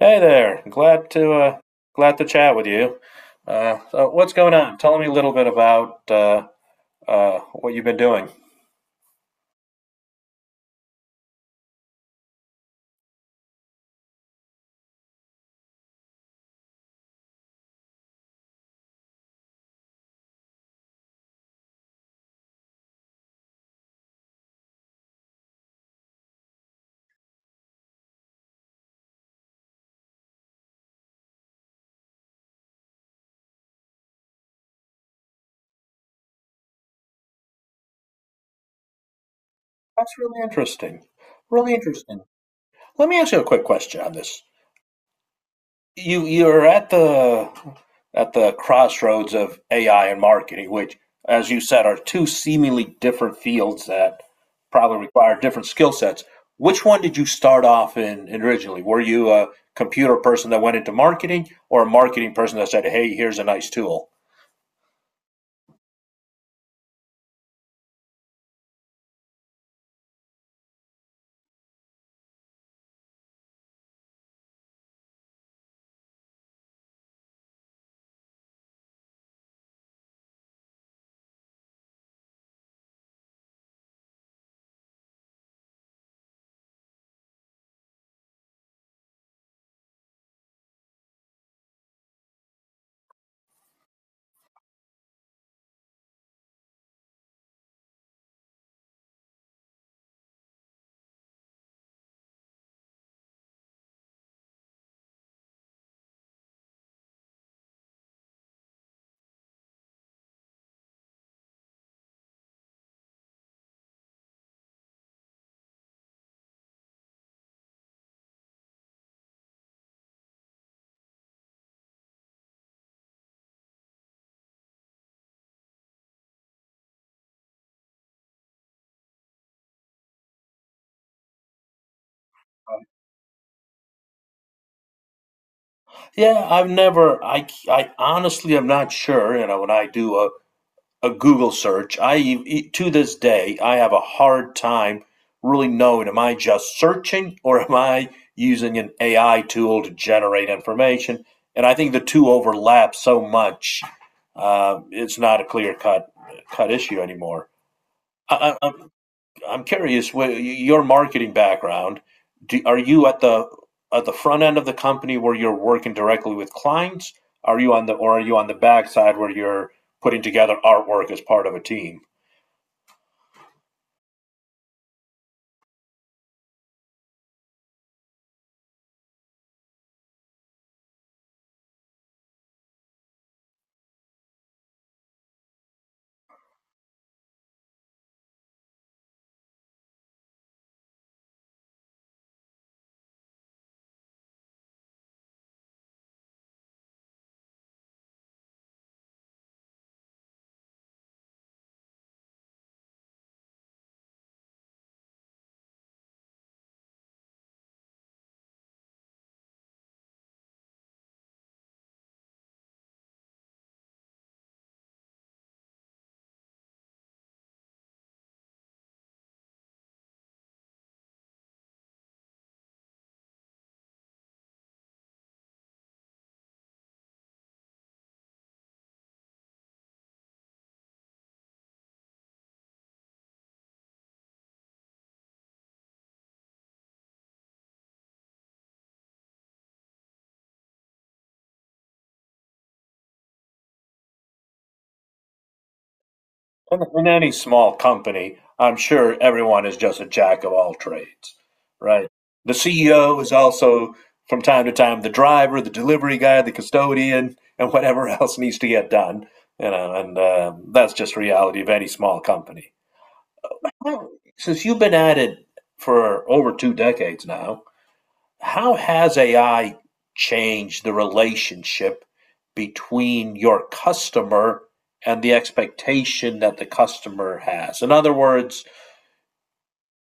Hey there. Glad to glad to chat with you. So what's going on? Tell me a little bit about what you've been doing. That's really interesting. Really interesting. Let me ask you a quick question on this. You're at the crossroads of AI and marketing, which, as you said, are two seemingly different fields that probably require different skill sets. Which one did you start off in originally? Were you a computer person that went into marketing, or a marketing person that said, "Hey, here's a nice tool"? Yeah, I've never. I honestly am not sure. You know, when I do a Google search. To this day I have a hard time really knowing am I just searching or am I using an AI tool to generate information? And I think the two overlap so much. It's not a clear cut issue anymore. I, I, I'm curious, your marketing background, are you at the front end of the company where you're working directly with clients? Are you on the or are you on the back side where you're putting together artwork as part of a team? In any small company, I'm sure everyone is just a jack of all trades, right? The CEO is also from time to time the driver, the delivery guy, the custodian, and whatever else needs to get done. You know, and that's just reality of any small company. Well, since you've been at it for over two decades now, how has AI changed the relationship between your customer and the expectation that the customer has? In other words,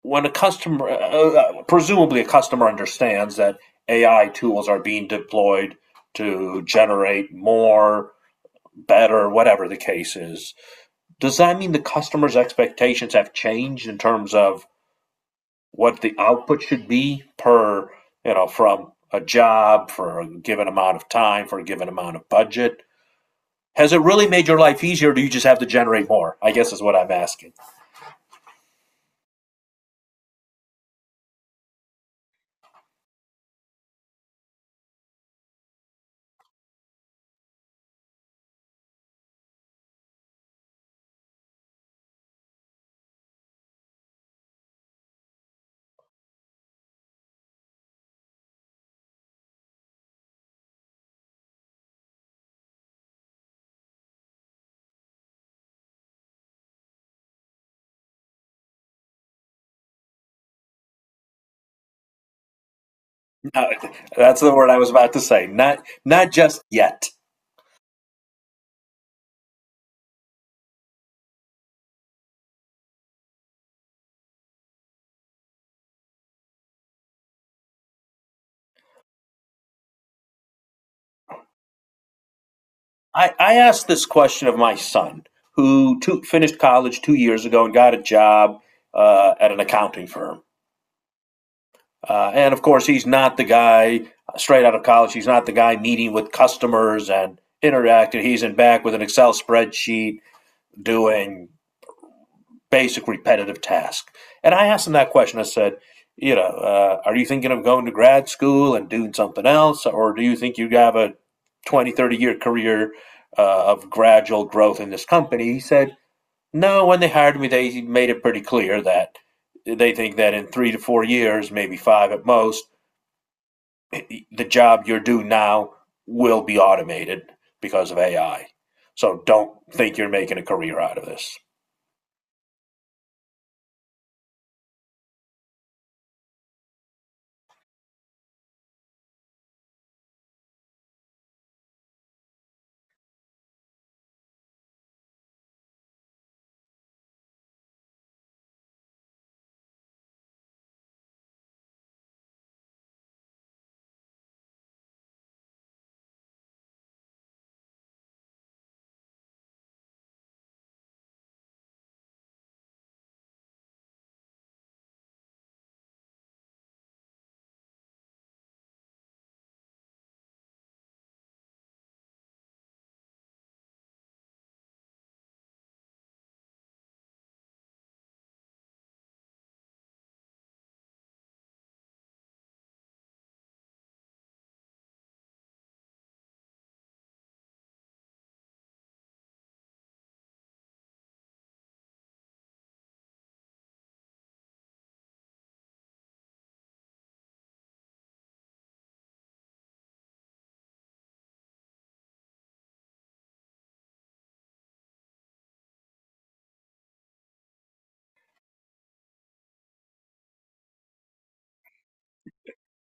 when a customer, presumably a customer understands that AI tools are being deployed to generate more, better, whatever the case is, does that mean the customer's expectations have changed in terms of what the output should be per, you know, from a job for a given amount of time, for a given amount of budget? Has it really made your life easier, or do you just have to generate more? I guess is what I'm asking. Uh, that's the word I was about to say. Not just yet. I asked this question of my son, who finished college 2 years ago and got a job at an accounting firm. And of course, he's not the guy straight out of college. He's not the guy meeting with customers and interacting. He's in back with an Excel spreadsheet doing basic repetitive tasks. And I asked him that question. I said, you know, are you thinking of going to grad school and doing something else? Or do you think you have a 20, 30 year career of gradual growth in this company? He said, no, when they hired me, they made it pretty clear that they think that in 3 to 4 years, maybe five at most, the job you're doing now will be automated because of AI. So don't think you're making a career out of this.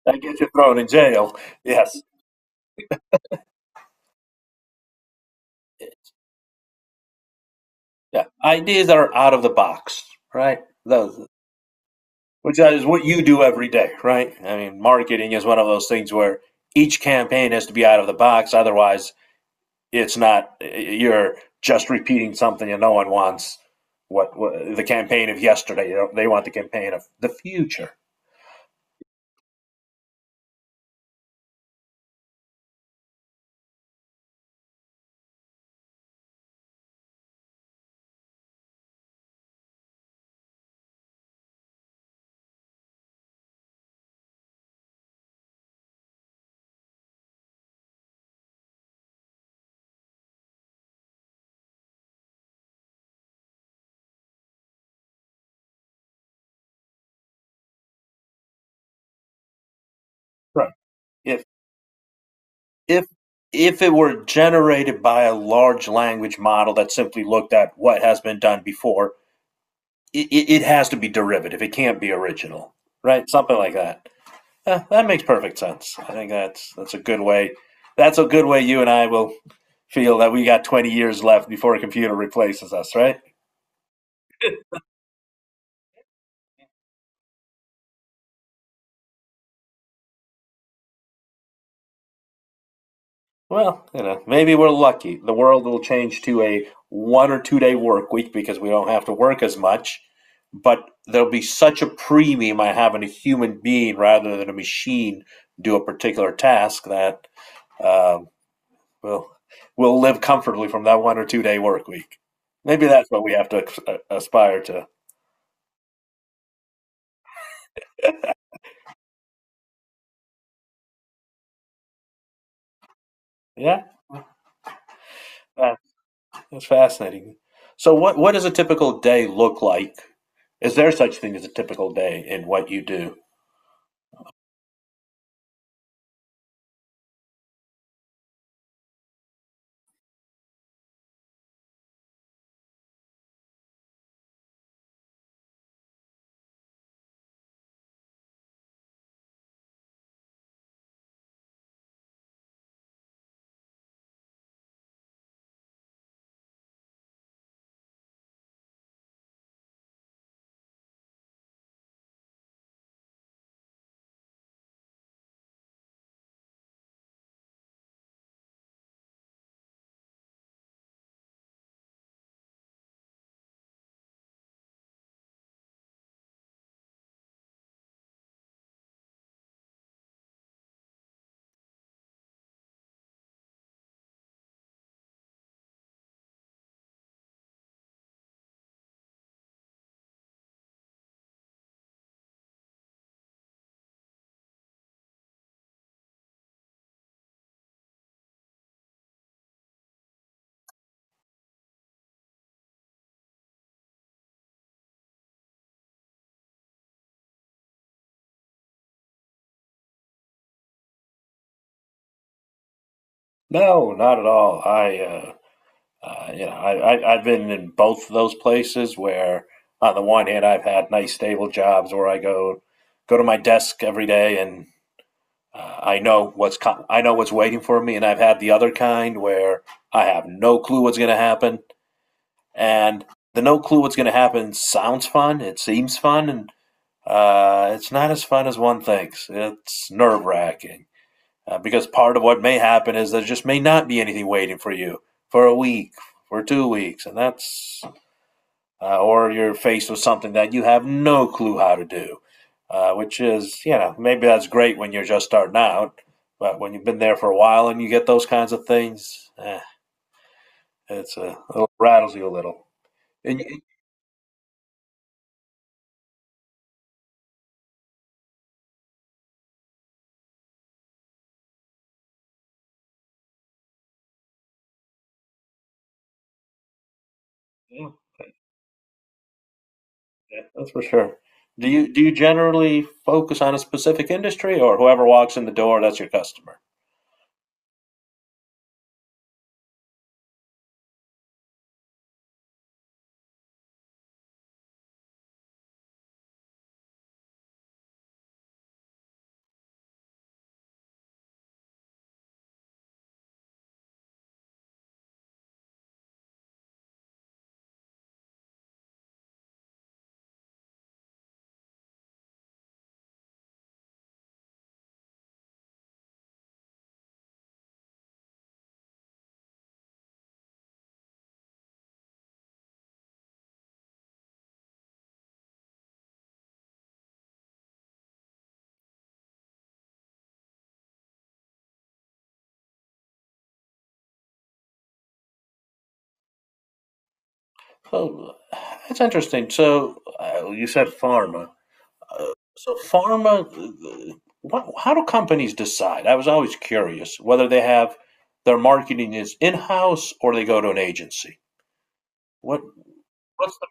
I get you thrown in jail. Yes. Yeah. Ideas that are out of the box, right? Those, which is what you do every day, right? I mean, marketing is one of those things where each campaign has to be out of the box. Otherwise, it's not, you're just repeating something and no one wants what the campaign of yesterday. You know, they want the campaign of the future. Right. If if if it were generated by a large language model that simply looked at what has been done before, it has to be derivative. It can't be original, right? Something like that. Yeah, that makes perfect sense. I think that's a good way. That's a good way you and I will feel that we got 20 years left before a computer replaces us, right? Well, you know, maybe we're lucky. The world will change to a 1 or 2 day work week because we don't have to work as much. But there'll be such a premium on having a human being rather than a machine do a particular task that um, we'll, we'll live comfortably from that 1 or 2 day work week. Maybe that's what we have to aspire to. Yeah, that's fascinating. So, what does a typical day look like? Is there such thing as a typical day in what you do? No, not at all. You know, I've been in both of those places where, on the one hand, I've had nice stable jobs where I go to my desk every day and I know I know what's waiting for me, and I've had the other kind where I have no clue what's going to happen, and the no clue what's going to happen sounds fun, it seems fun, and it's not as fun as one thinks. It's nerve wracking. Because part of what may happen is there just may not be anything waiting for you for a week, for 2 weeks, and or you're faced with something that you have no clue how to do, which is, you know, maybe that's great when you're just starting out, but when you've been there for a while and you get those kinds of things, it rattles you a little. And you, yeah, yeah, that's for sure. Do you generally focus on a specific industry, or whoever walks in the door, that's your customer? Oh, that's interesting. So you said pharma. So pharma, how do companies decide? I was always curious whether they have their marketing is in-house or they go to an agency. What what's the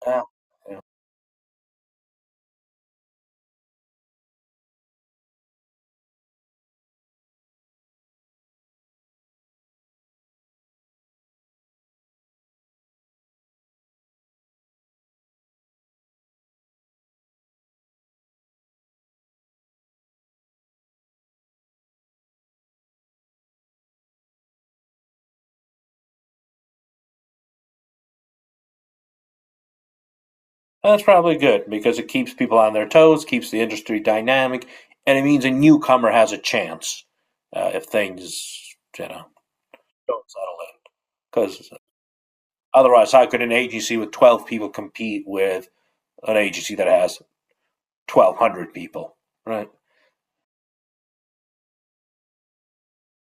problem? Yeah, yeah. Well, that's probably good because it keeps people on their toes, keeps the industry dynamic, and it means a newcomer has a chance if things you know don't settle in. Because otherwise, how could an agency with 12 people compete with an agency that has 1,200 people. Right.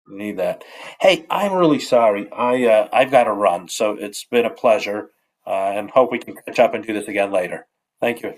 Need that. Hey, I'm really sorry. I've got to run, so it's been a pleasure, and hope we can catch up and do this again later. Thank you.